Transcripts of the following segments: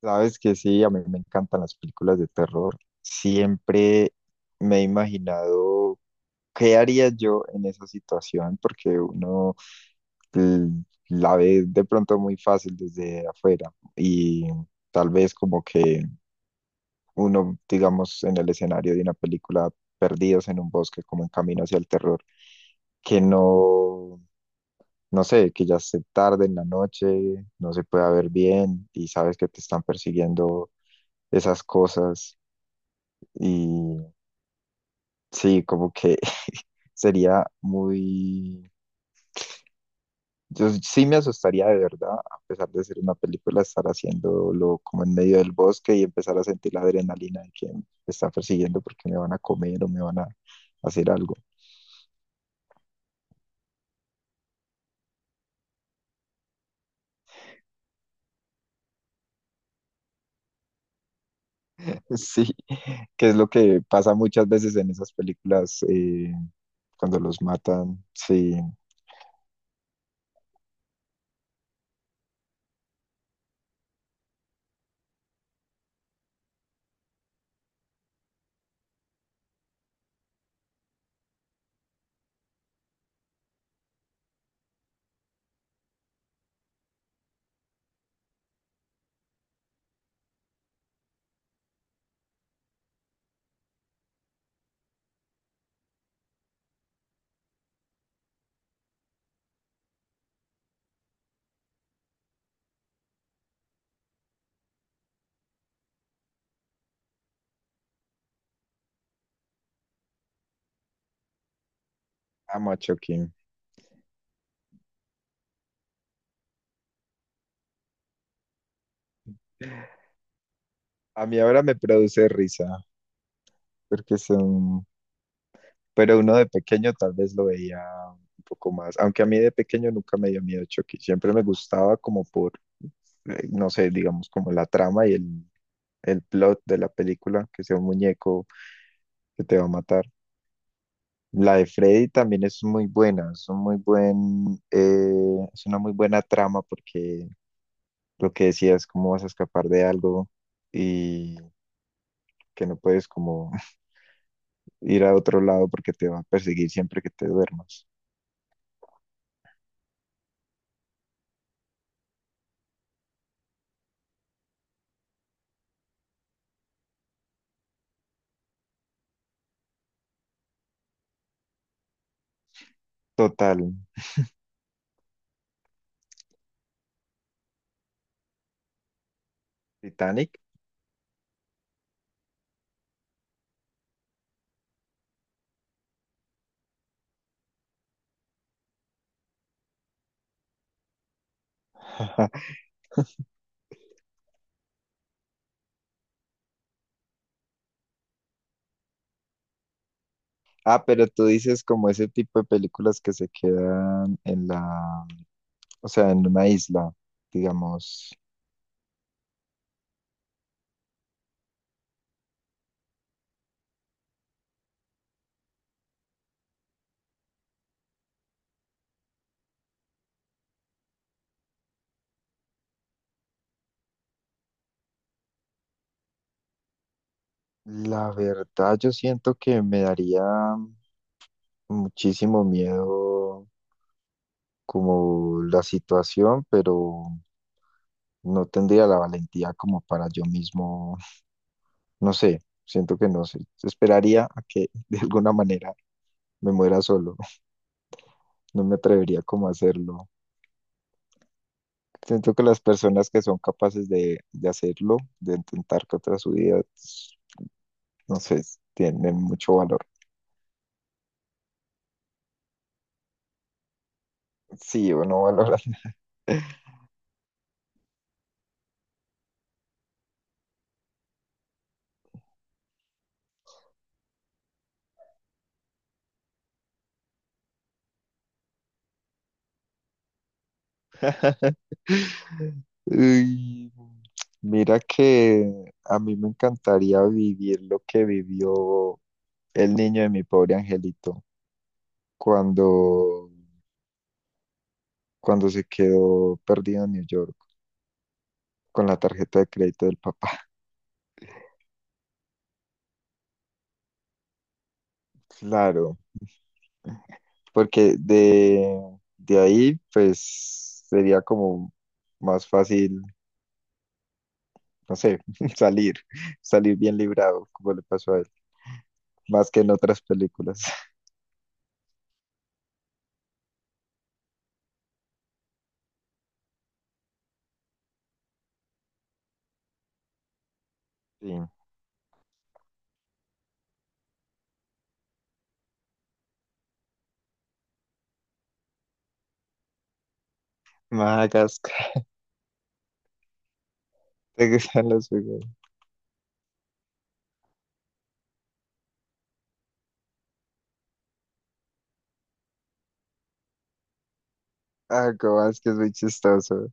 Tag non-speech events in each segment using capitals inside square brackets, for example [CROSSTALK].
Sabes que sí, a mí me encantan las películas de terror. Siempre me he imaginado qué haría yo en esa situación, porque uno la ve de pronto muy fácil desde afuera y tal vez como que uno, digamos, en el escenario de una película, perdidos en un bosque, como en camino hacia el terror, que no, no sé, que ya se tarde en la noche, no se puede ver bien y sabes que te están persiguiendo esas cosas. Y sí, como que [LAUGHS] sería muy... Yo sí me asustaría de verdad, a pesar de ser una película, estar haciéndolo como en medio del bosque y empezar a sentir la adrenalina de que me está persiguiendo porque me van a comer o me van a hacer algo. [LAUGHS] Sí, que es lo que pasa muchas veces en esas películas, cuando los matan. Sí, amo a Chucky. A mí ahora me produce risa porque son, pero uno de pequeño tal vez lo veía un poco más, aunque a mí de pequeño nunca me dio miedo Chucky, siempre me gustaba como por, no sé, digamos como la trama y el plot de la película, que sea un muñeco que te va a matar. La de Freddy también es muy buena, es un muy buen, es una muy buena trama porque, lo que decías, cómo vas a escapar de algo y que no puedes como [LAUGHS] ir a otro lado porque te va a perseguir siempre que te duermas. Total, Titanic. [LAUGHS] Ah, pero tú dices como ese tipo de películas que se quedan en la, o sea, en una isla, digamos. La verdad, yo siento que me daría muchísimo miedo como la situación, pero no tendría la valentía como para yo mismo, no sé, siento que no sé. Esperaría a que [LAUGHS] de alguna manera me muera solo. No me atrevería como a hacerlo. Siento que las personas que son capaces de hacerlo, de intentar contra su vida, no sé, tienen mucho valor. Sí, o no valoran. [LAUGHS] Uy, mira que a mí me encantaría vivir lo que vivió el niño de Mi Pobre Angelito cuando, cuando se quedó perdido en New York con la tarjeta de crédito del papá. [LAUGHS] Claro. Porque de ahí pues sería como más fácil, no sé, [LAUGHS] salir, salir bien librado, como le pasó a él, más que en otras películas. [LAUGHS] Sí. Madagascar, te gustan los juegos. Ah, como es que es muy chistoso.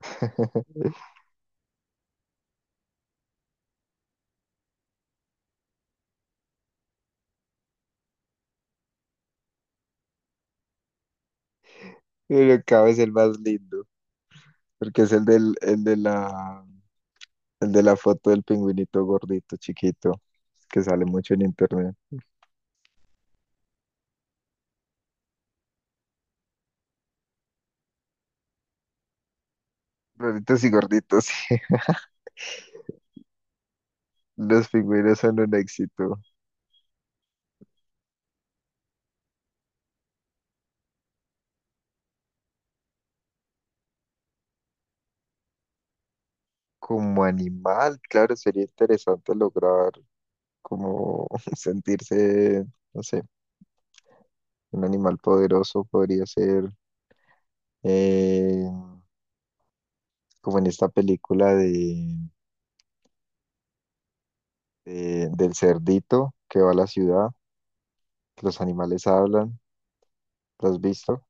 [LAUGHS] Pero Cabo es el más lindo, porque es el del, el de la foto del pingüinito gordito, chiquito, que sale mucho en internet. Gorditos y gorditos, [LAUGHS] los pingüinos son un éxito. Como animal, claro, sería interesante lograr como [LAUGHS] sentirse, no sé, un animal poderoso podría ser, eh, como en esta película de, del cerdito que va a la ciudad, que los animales hablan, ¿lo has visto?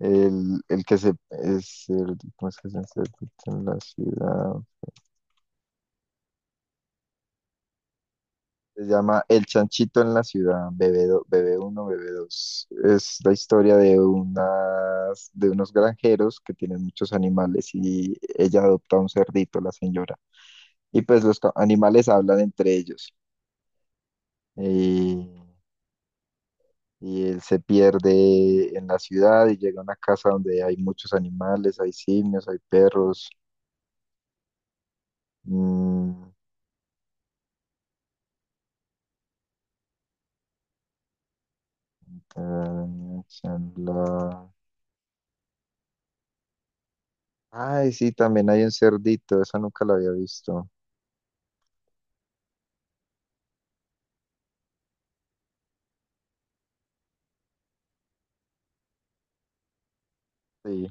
El que se es ¿cómo es que se dice? ¿En la ciudad? Se llama El Chanchito en la Ciudad, BB1, BB2. Es la historia de unas, de unos granjeros que tienen muchos animales y ella adopta un cerdito, la señora. Y pues los animales hablan entre ellos. Y, y él se pierde en la ciudad y llega a una casa donde hay muchos animales, hay simios, hay perros. mm, eh, la- Ay, sí, también hay un cerdito, esa nunca la había visto. Sí.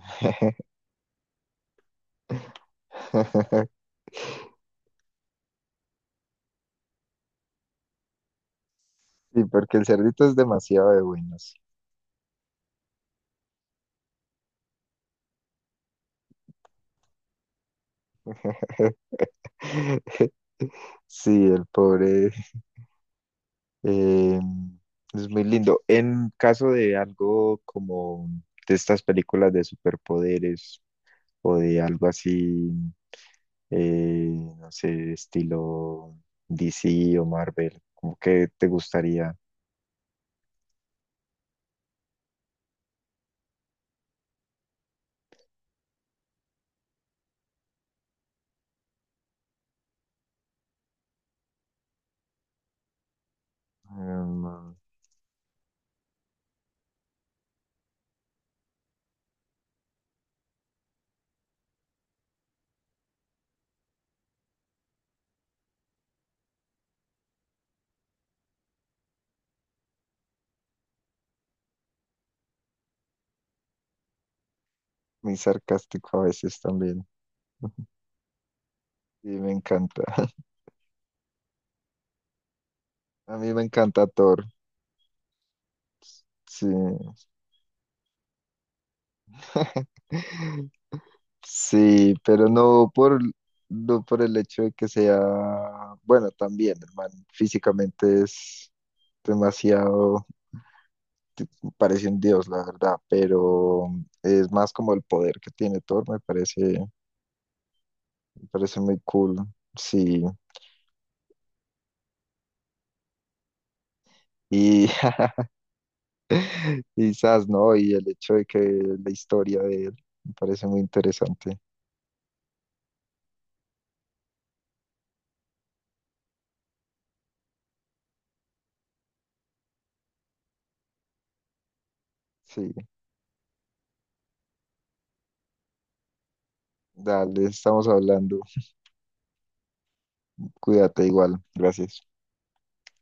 [LAUGHS] Sí, porque el cerdito es demasiado de buenos. [LAUGHS] Sí, el pobre, eh, es muy lindo. En caso de algo como de estas películas de superpoderes o de algo así, eh, no sé, estilo DC o Marvel, ¿como que te gustaría? Mm, muy sarcástico a veces también. [LAUGHS] Sí, me encanta. [LAUGHS] A mí me encanta Thor. Sí, [LAUGHS] sí, pero no por, no por el hecho de que sea, bueno, también, el man físicamente es demasiado, parece un dios, la verdad, pero es más como el poder que tiene Thor, me parece muy cool, sí. Y [LAUGHS] quizás, ¿no? Y el hecho de que la historia de él me parece muy interesante. Sí, dale, estamos hablando. Cuídate igual. Gracias.